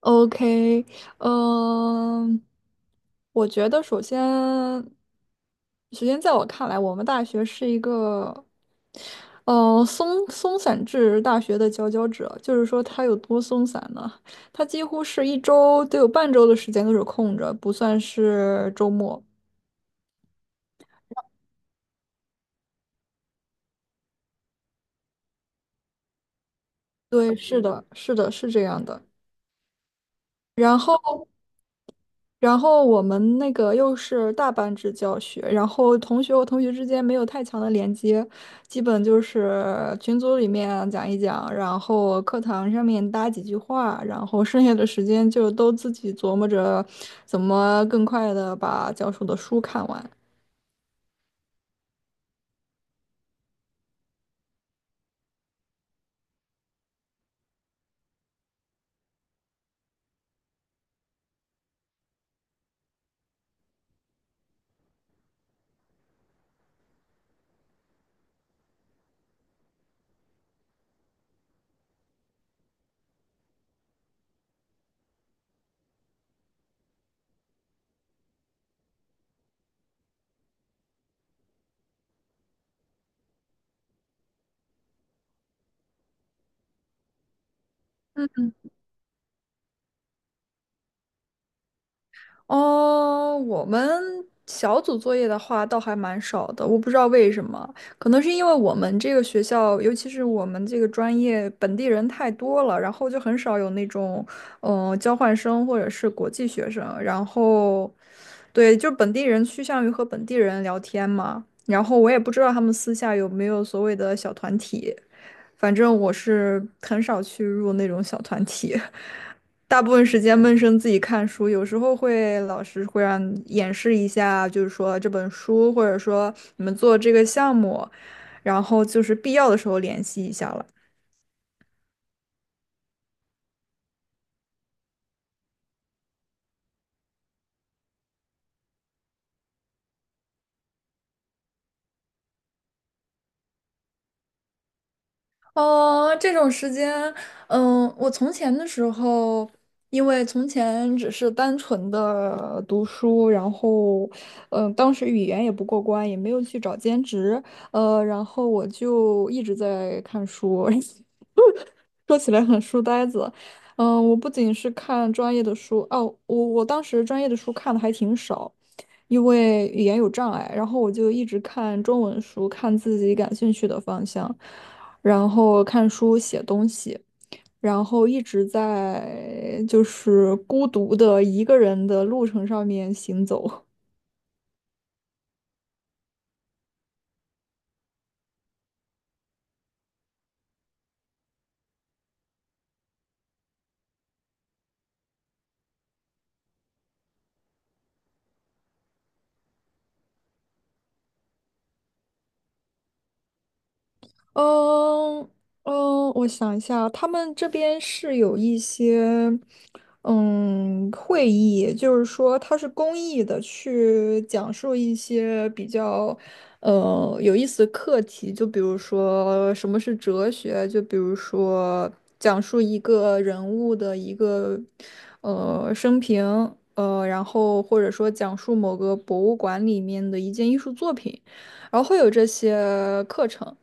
OK，嗯、我觉得首先在我看来，我们大学是一个，松松散制大学的佼佼者。就是说，它有多松散呢？它几乎是一周都有半周的时间都是空着，不算是周末。对，是的，是的，是这样的。然后。然后我们那个又是大班制教学，然后同学和同学之间没有太强的连接，基本就是群组里面讲一讲，然后课堂上面搭几句话，然后剩下的时间就都自己琢磨着怎么更快的把教授的书看完。哦，我们小组作业的话倒还蛮少的，我不知道为什么，可能是因为我们这个学校，尤其是我们这个专业，本地人太多了，然后就很少有那种，交换生或者是国际学生，然后，对，就本地人趋向于和本地人聊天嘛，然后我也不知道他们私下有没有所谓的小团体，反正我是很少去入那种小团体。大部分时间闷声自己看书，有时候会老师会让演示一下，就是说这本书，或者说你们做这个项目，然后就是必要的时候联系一下了。哦，这种时间，嗯，我从前的时候，因为从前只是单纯的读书，然后，嗯，当时语言也不过关，也没有去找兼职，然后我就一直在看书，说起来很书呆子，嗯，我不仅是看专业的书，哦，我当时专业的书看的还挺少，因为语言有障碍，然后我就一直看中文书，看自己感兴趣的方向。然后看书、写东西，然后一直在就是孤独的一个人的路程上面行走。嗯嗯，我想一下啊，他们这边是有一些会议，就是说它是公益的，去讲述一些比较有意思的课题，就比如说什么是哲学，就比如说讲述一个人物的一个生平，然后或者说讲述某个博物馆里面的一件艺术作品，然后会有这些课程。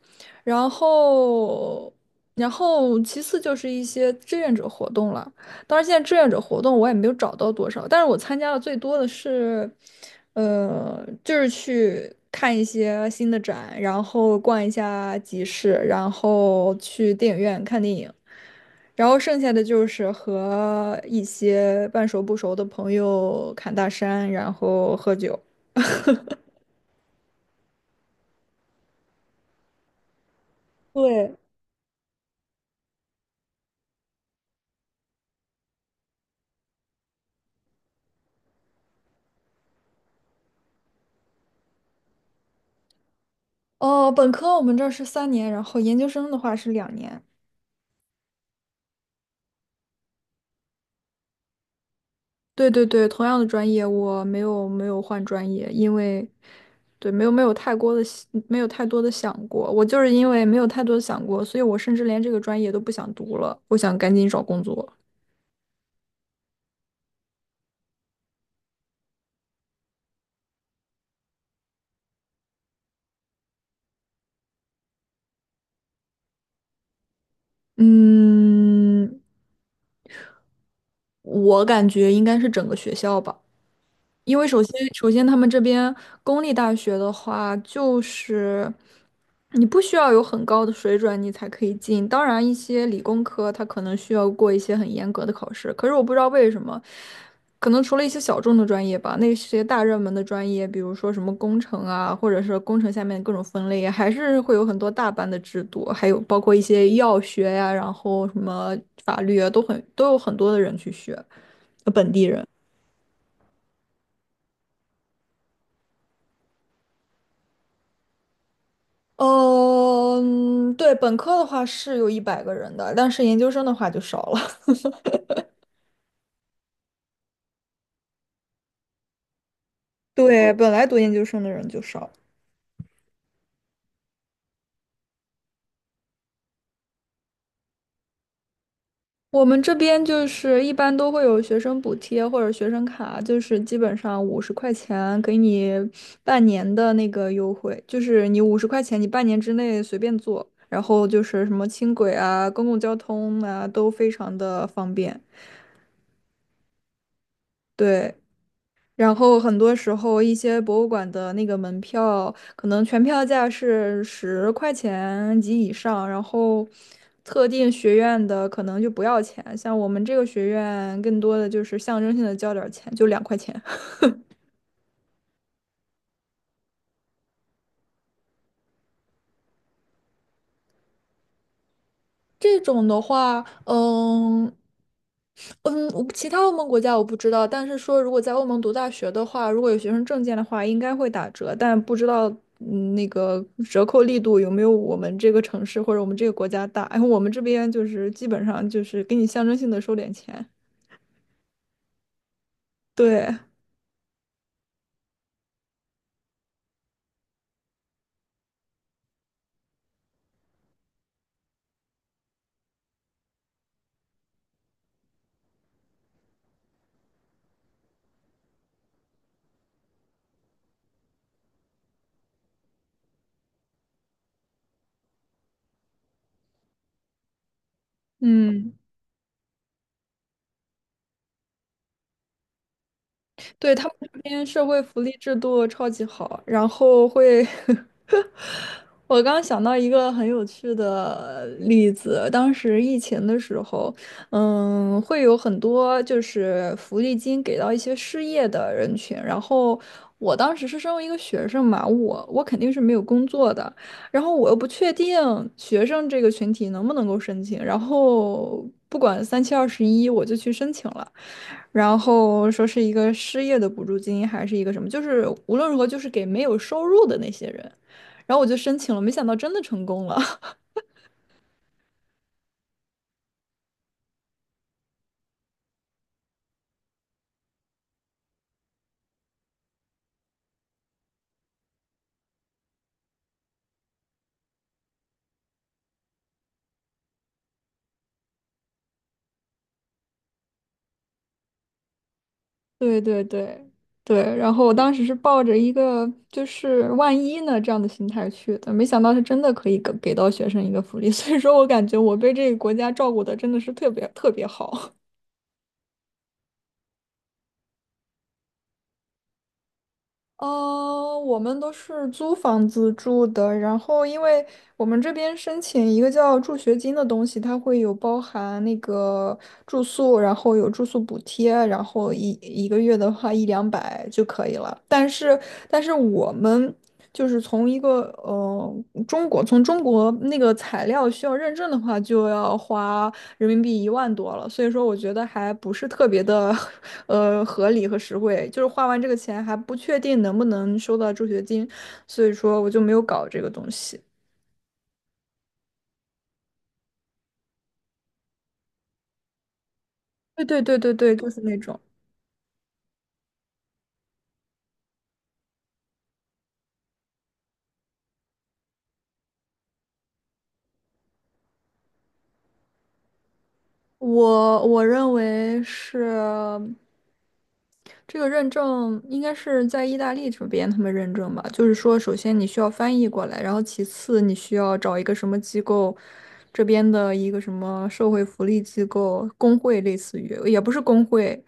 然后，然后其次就是一些志愿者活动了。当然，现在志愿者活动我也没有找到多少，但是我参加的最多的是，就是去看一些新的展，然后逛一下集市，然后去电影院看电影，然后剩下的就是和一些半熟不熟的朋友侃大山，然后喝酒。对，哦，本科我们这儿是3年，然后研究生的话是2年。对对对，同样的专业，我没有换专业，因为对没有没有太过的没有太多的想过，我就是因为没有太多的想过，所以我甚至连这个专业都不想读了，我想赶紧找工作。嗯，我感觉应该是整个学校吧。因为首先他们这边公立大学的话，就是你不需要有很高的水准，你才可以进。当然，一些理工科它可能需要过一些很严格的考试，可是我不知道为什么，可能除了一些小众的专业吧，那些大热门的专业，比如说什么工程啊，或者是工程下面的各种分类啊还是会有很多大班的制度，还有包括一些药学呀、然后什么法律啊，都很都有很多的人去学，本地人。嗯，对，本科的话是有100个人的，但是研究生的话就少了。对，本来读研究生的人就少。我们这边就是一般都会有学生补贴或者学生卡，就是基本上五十块钱给你半年的那个优惠，就是你五十块钱你半年之内随便坐，然后就是什么轻轨啊、公共交通啊都非常的方便。对，然后很多时候，一些博物馆的那个门票，可能全票价是十块钱及以上，然后特定学院的可能就不要钱。像我们这个学院，更多的就是象征性的交点儿钱，就2块钱。这种的话，嗯。嗯，我不其他欧盟国家我不知道，但是说如果在欧盟读大学的话，如果有学生证件的话，应该会打折，但不知道那个折扣力度有没有我们这个城市或者我们这个国家大。然后我们这边就是基本上就是给你象征性的收点钱。对，嗯，对，他们这边社会福利制度超级好，然后会 我刚想到一个很有趣的例子，当时疫情的时候，嗯，会有很多就是福利金给到一些失业的人群，然后我当时是身为一个学生嘛，我肯定是没有工作的，然后我又不确定学生这个群体能不能够申请，然后不管三七二十一，我就去申请了。然后说是一个失业的补助金，还是一个什么，就是无论如何就是给没有收入的那些人。然后我就申请了，没想到真的成功了。对对对对，然后我当时是抱着一个就是万一呢这样的心态去的，没想到是真的可以给到学生一个福利，所以说我感觉我被这个国家照顾的真的是特别特别好。我们都是租房子住的，然后因为我们这边申请一个叫助学金的东西，它会有包含那个住宿，然后有住宿补贴，然后一个月的话一两百就可以了。但是我们就是从一个中国从中国那个材料需要认证的话，就要花人民币10000多了，所以说我觉得还不是特别的 合理和实惠，就是花完这个钱还不确定能不能收到助学金，所以说我就没有搞这个东西。对对对对对，就是那种。我认为是这个认证应该是在意大利这边他们认证吧，就是说，首先你需要翻译过来，然后其次你需要找一个什么机构，这边的一个什么社会福利机构、工会，类似于也不是工会，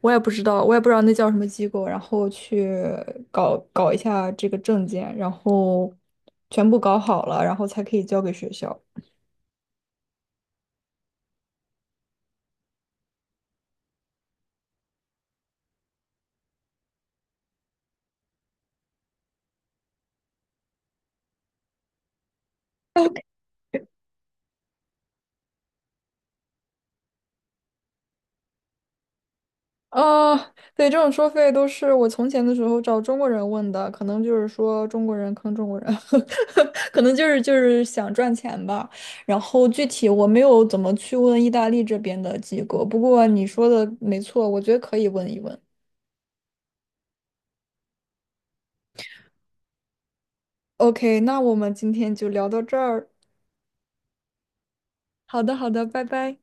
我也不知道，我也不知道那叫什么机构，然后去搞搞一下这个证件，然后全部搞好了，然后才可以交给学校。啊，对，这种收费都是我从前的时候找中国人问的，可能就是说中国人坑中国人，可能就是就是想赚钱吧。然后具体我没有怎么去问意大利这边的机构，不过你说的没错，我觉得可以问一问。OK,那我们今天就聊到这儿。好的，好的，拜拜。